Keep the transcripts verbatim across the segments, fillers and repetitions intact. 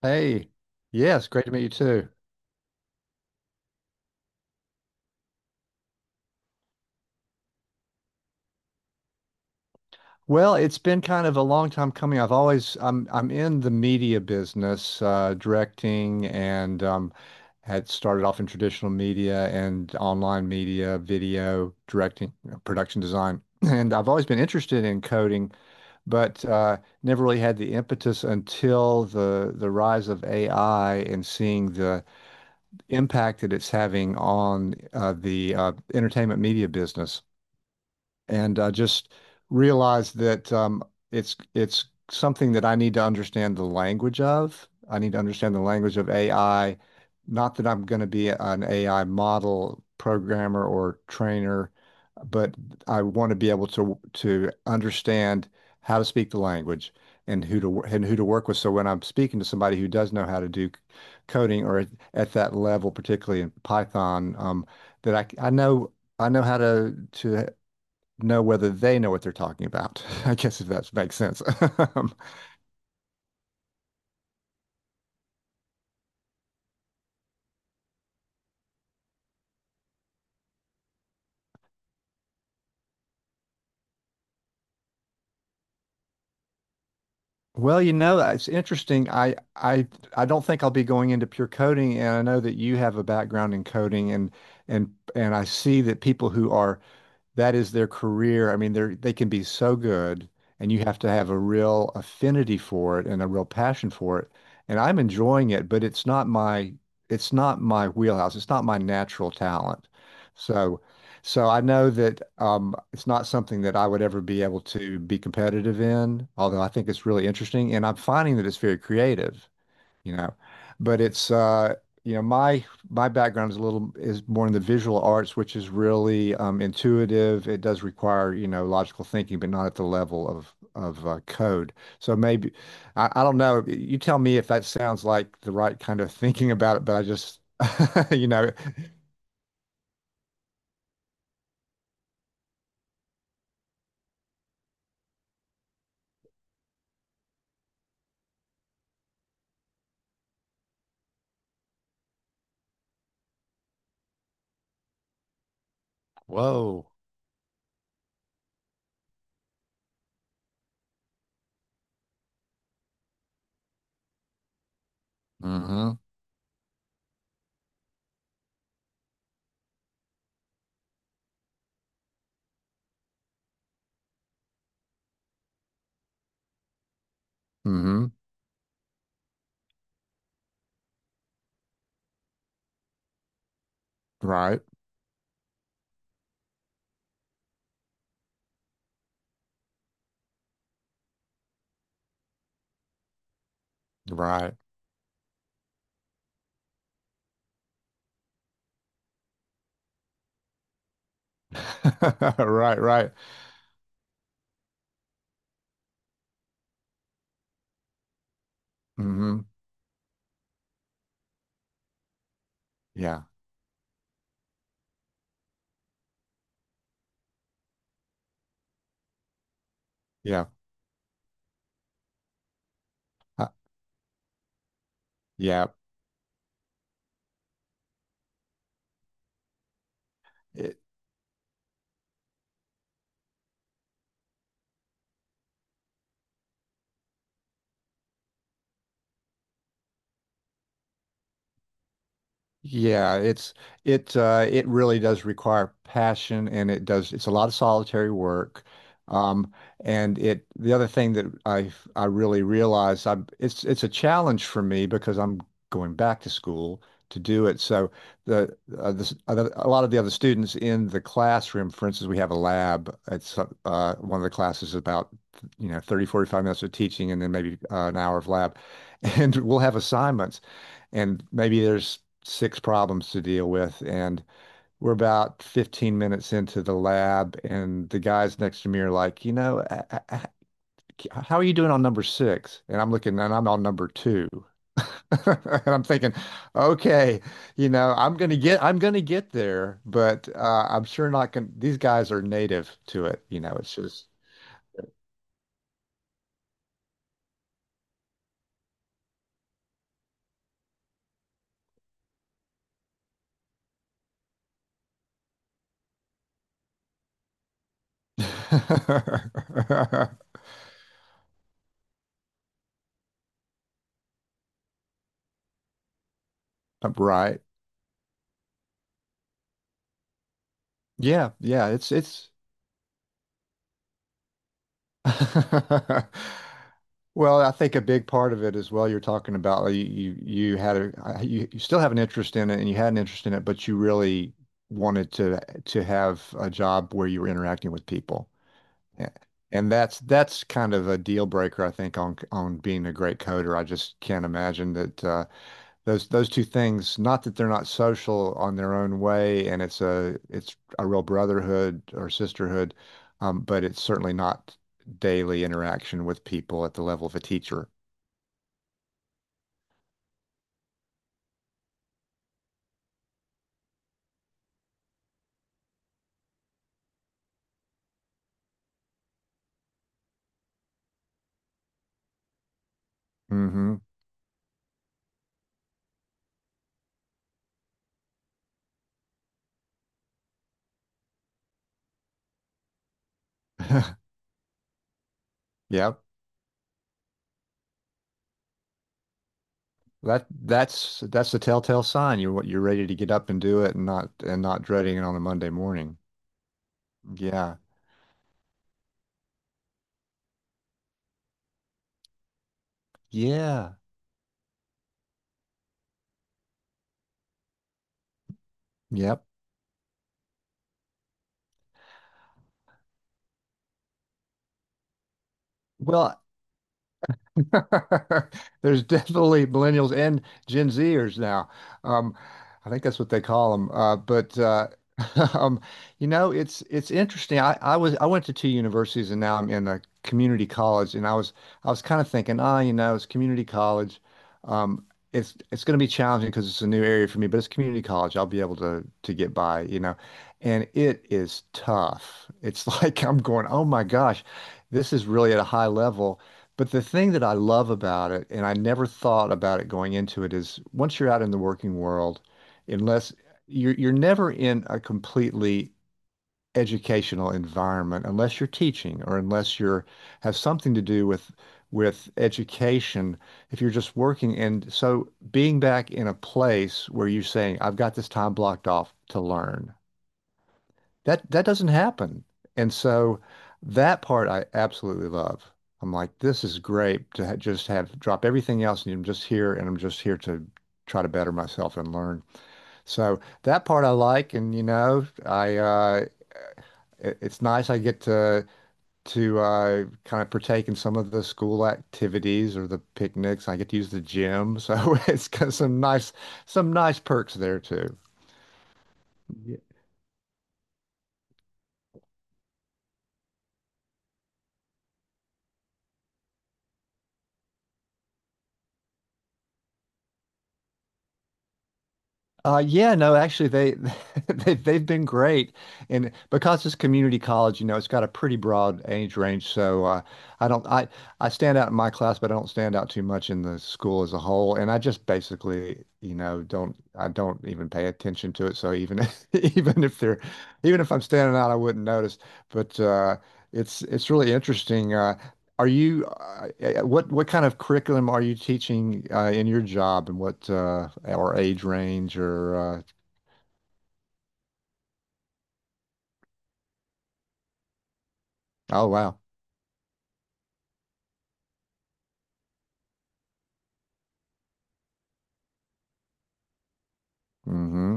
Hey, yes, great to meet you too. Well, it's been kind of a long time coming. I've always I'm I'm in the media business, uh, directing, and um, had started off in traditional media and online media, video directing, you know, production design, and I've always been interested in coding, but uh, never really had the impetus until the the rise of A I and seeing the impact that it's having on uh, the uh, entertainment media business. and uh, just realized that um, it's it's something that I need to understand the language of. I need to understand the language of A I. Not that I'm going to be an A I model programmer or trainer, but I want to be able to to understand how to speak the language and who to and who to work with. So when I'm speaking to somebody who does know how to do c- coding or at at that level, particularly in Python, um, that I I know I know how to to know whether they know what they're talking about. I guess if that makes sense. well, you know, it's interesting. I I I don't think I'll be going into pure coding, and I know that you have a background in coding, and and and I see that people who are that is their career. I mean, they're they can be so good, and you have to have a real affinity for it and a real passion for it. And I'm enjoying it, but it's not my it's not my wheelhouse. It's not my natural talent. So so I know that um, it's not something that I would ever be able to be competitive in, although I think it's really interesting, and I'm finding that it's very creative you know. But it's uh, you know, my my background is a little is more in the visual arts, which is really um, intuitive. It does require, you know, logical thinking, but not at the level of of uh, code. So maybe I, I don't know. You tell me if that sounds like the right kind of thinking about it, but I just, you know, whoa. Mm-hmm. Mm-hmm. Right. Right. Right. Right. Mm-hmm. Yeah. Yeah. Uh, yeah. Yeah, it's it uh it really does require passion and it does it's a lot of solitary work. Um and it the other thing that I I really realized I it's it's a challenge for me because I'm going back to school to do it. So the uh, this other, a lot of the other students in the classroom, for instance, we have a lab. It's uh uh, one of the classes about you know thirty forty five minutes of teaching and then maybe uh, an hour of lab. And we'll have assignments and maybe there's six problems to deal with. And we're about fifteen minutes into the lab, and the guys next to me are like, you know, I, I, I- how are you doing on number six? And I'm looking, and I'm on number two. And I'm thinking, okay, you know, I'm gonna get, I'm gonna get there, but uh, I'm sure not gonna. These guys are native to it, you know. It's just right. Yeah, yeah. It's it's Well, I think a big part of it as well, you're talking about like, you you, you had a uh, you, you still have an interest in it and you had an interest in it, but you really wanted to to have a job where you were interacting with people. A- And that's that's kind of a deal breaker, I think, on on being a great coder. I just can't imagine that uh, those those two things, not that they're not social on their own way, and it's a it's a real brotherhood or sisterhood, um, but it's certainly not daily interaction with people at the level of a teacher. Hmm. Yep. That that's that's the telltale sign. You're you're ready to get up and do it and not and not dreading it on a Monday morning. Yeah. Yeah. Yep. Well, there's definitely millennials and Gen Zers now. Um, I think that's what they call them. Uh, but uh, um, you know, it's it's interesting. I, I was I went to two universities and now I'm in a community college, and I was I was kind of thinking, ah, you know, it's community college. Um, it's it's going to be challenging because it's a new area for me, but it's community college. I'll be able to to get by, you know. And it is tough. It's like I'm going, oh my gosh, this is really at a high level. But the thing that I love about it, and I never thought about it going into it, is once you're out in the working world, unless you're you're never in a completely educational environment, unless you're teaching or unless you're have something to do with with education, if you're just working. And so being back in a place where you're saying, I've got this time blocked off to learn that that doesn't happen. And so that part I absolutely love. I'm like, this is great to ha just have drop everything else and I'm just here and I'm just here to try to better myself and learn. So that part I like, and you know, I uh it- it's nice I get to to uh kind of partake in some of the school activities or the picnics. I get to use the gym. So it's got some nice some nice perks there too. Uh, yeah, no, actually, they they've they've been great, and because it's community college, you know, it's got a pretty broad age range. So uh, I don't I I stand out in my class, but I don't stand out too much in the school as a whole. And I just basically, you know, don't I don't even pay attention to it. So even even if they're even if I'm standing out, I wouldn't notice. But uh, it's it's really interesting. Uh, are you uh, uh, what what kind of curriculum are you teaching uh, in your job, and what uh, or age range, or uh, oh wow. Mm-hmm.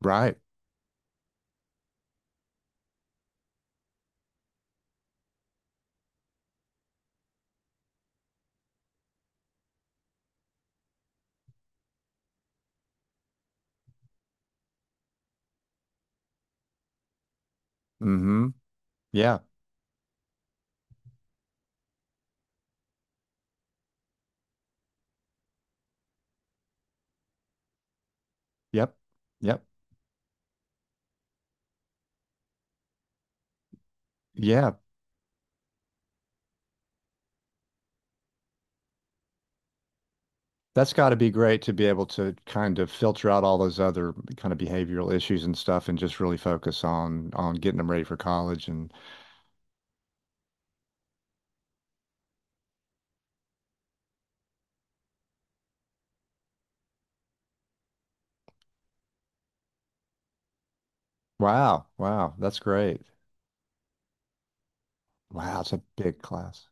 Right. Mm-hmm. Yeah. Yep. Yep. Yeah. That's got to be great to be able to kind of filter out all those other kind of behavioral issues and stuff and just really focus on on getting them ready for college and wow. Wow. That's great. Wow, it's a big class.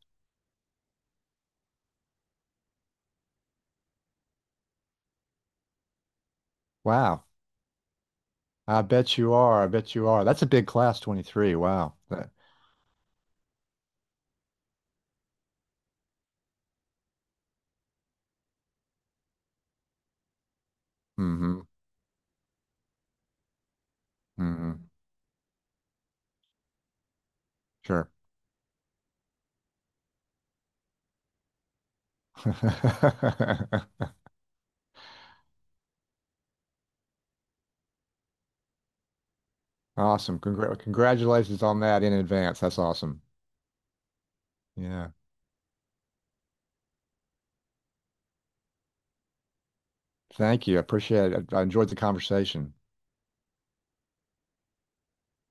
Wow. I bet you are. I bet you are. That's a big class, twenty-three. Wow. Mm-hmm. Mm-hmm. Sure. Awesome. Congra congratulations on that in advance. That's awesome. Yeah. Thank you. I appreciate it. I I enjoyed the conversation.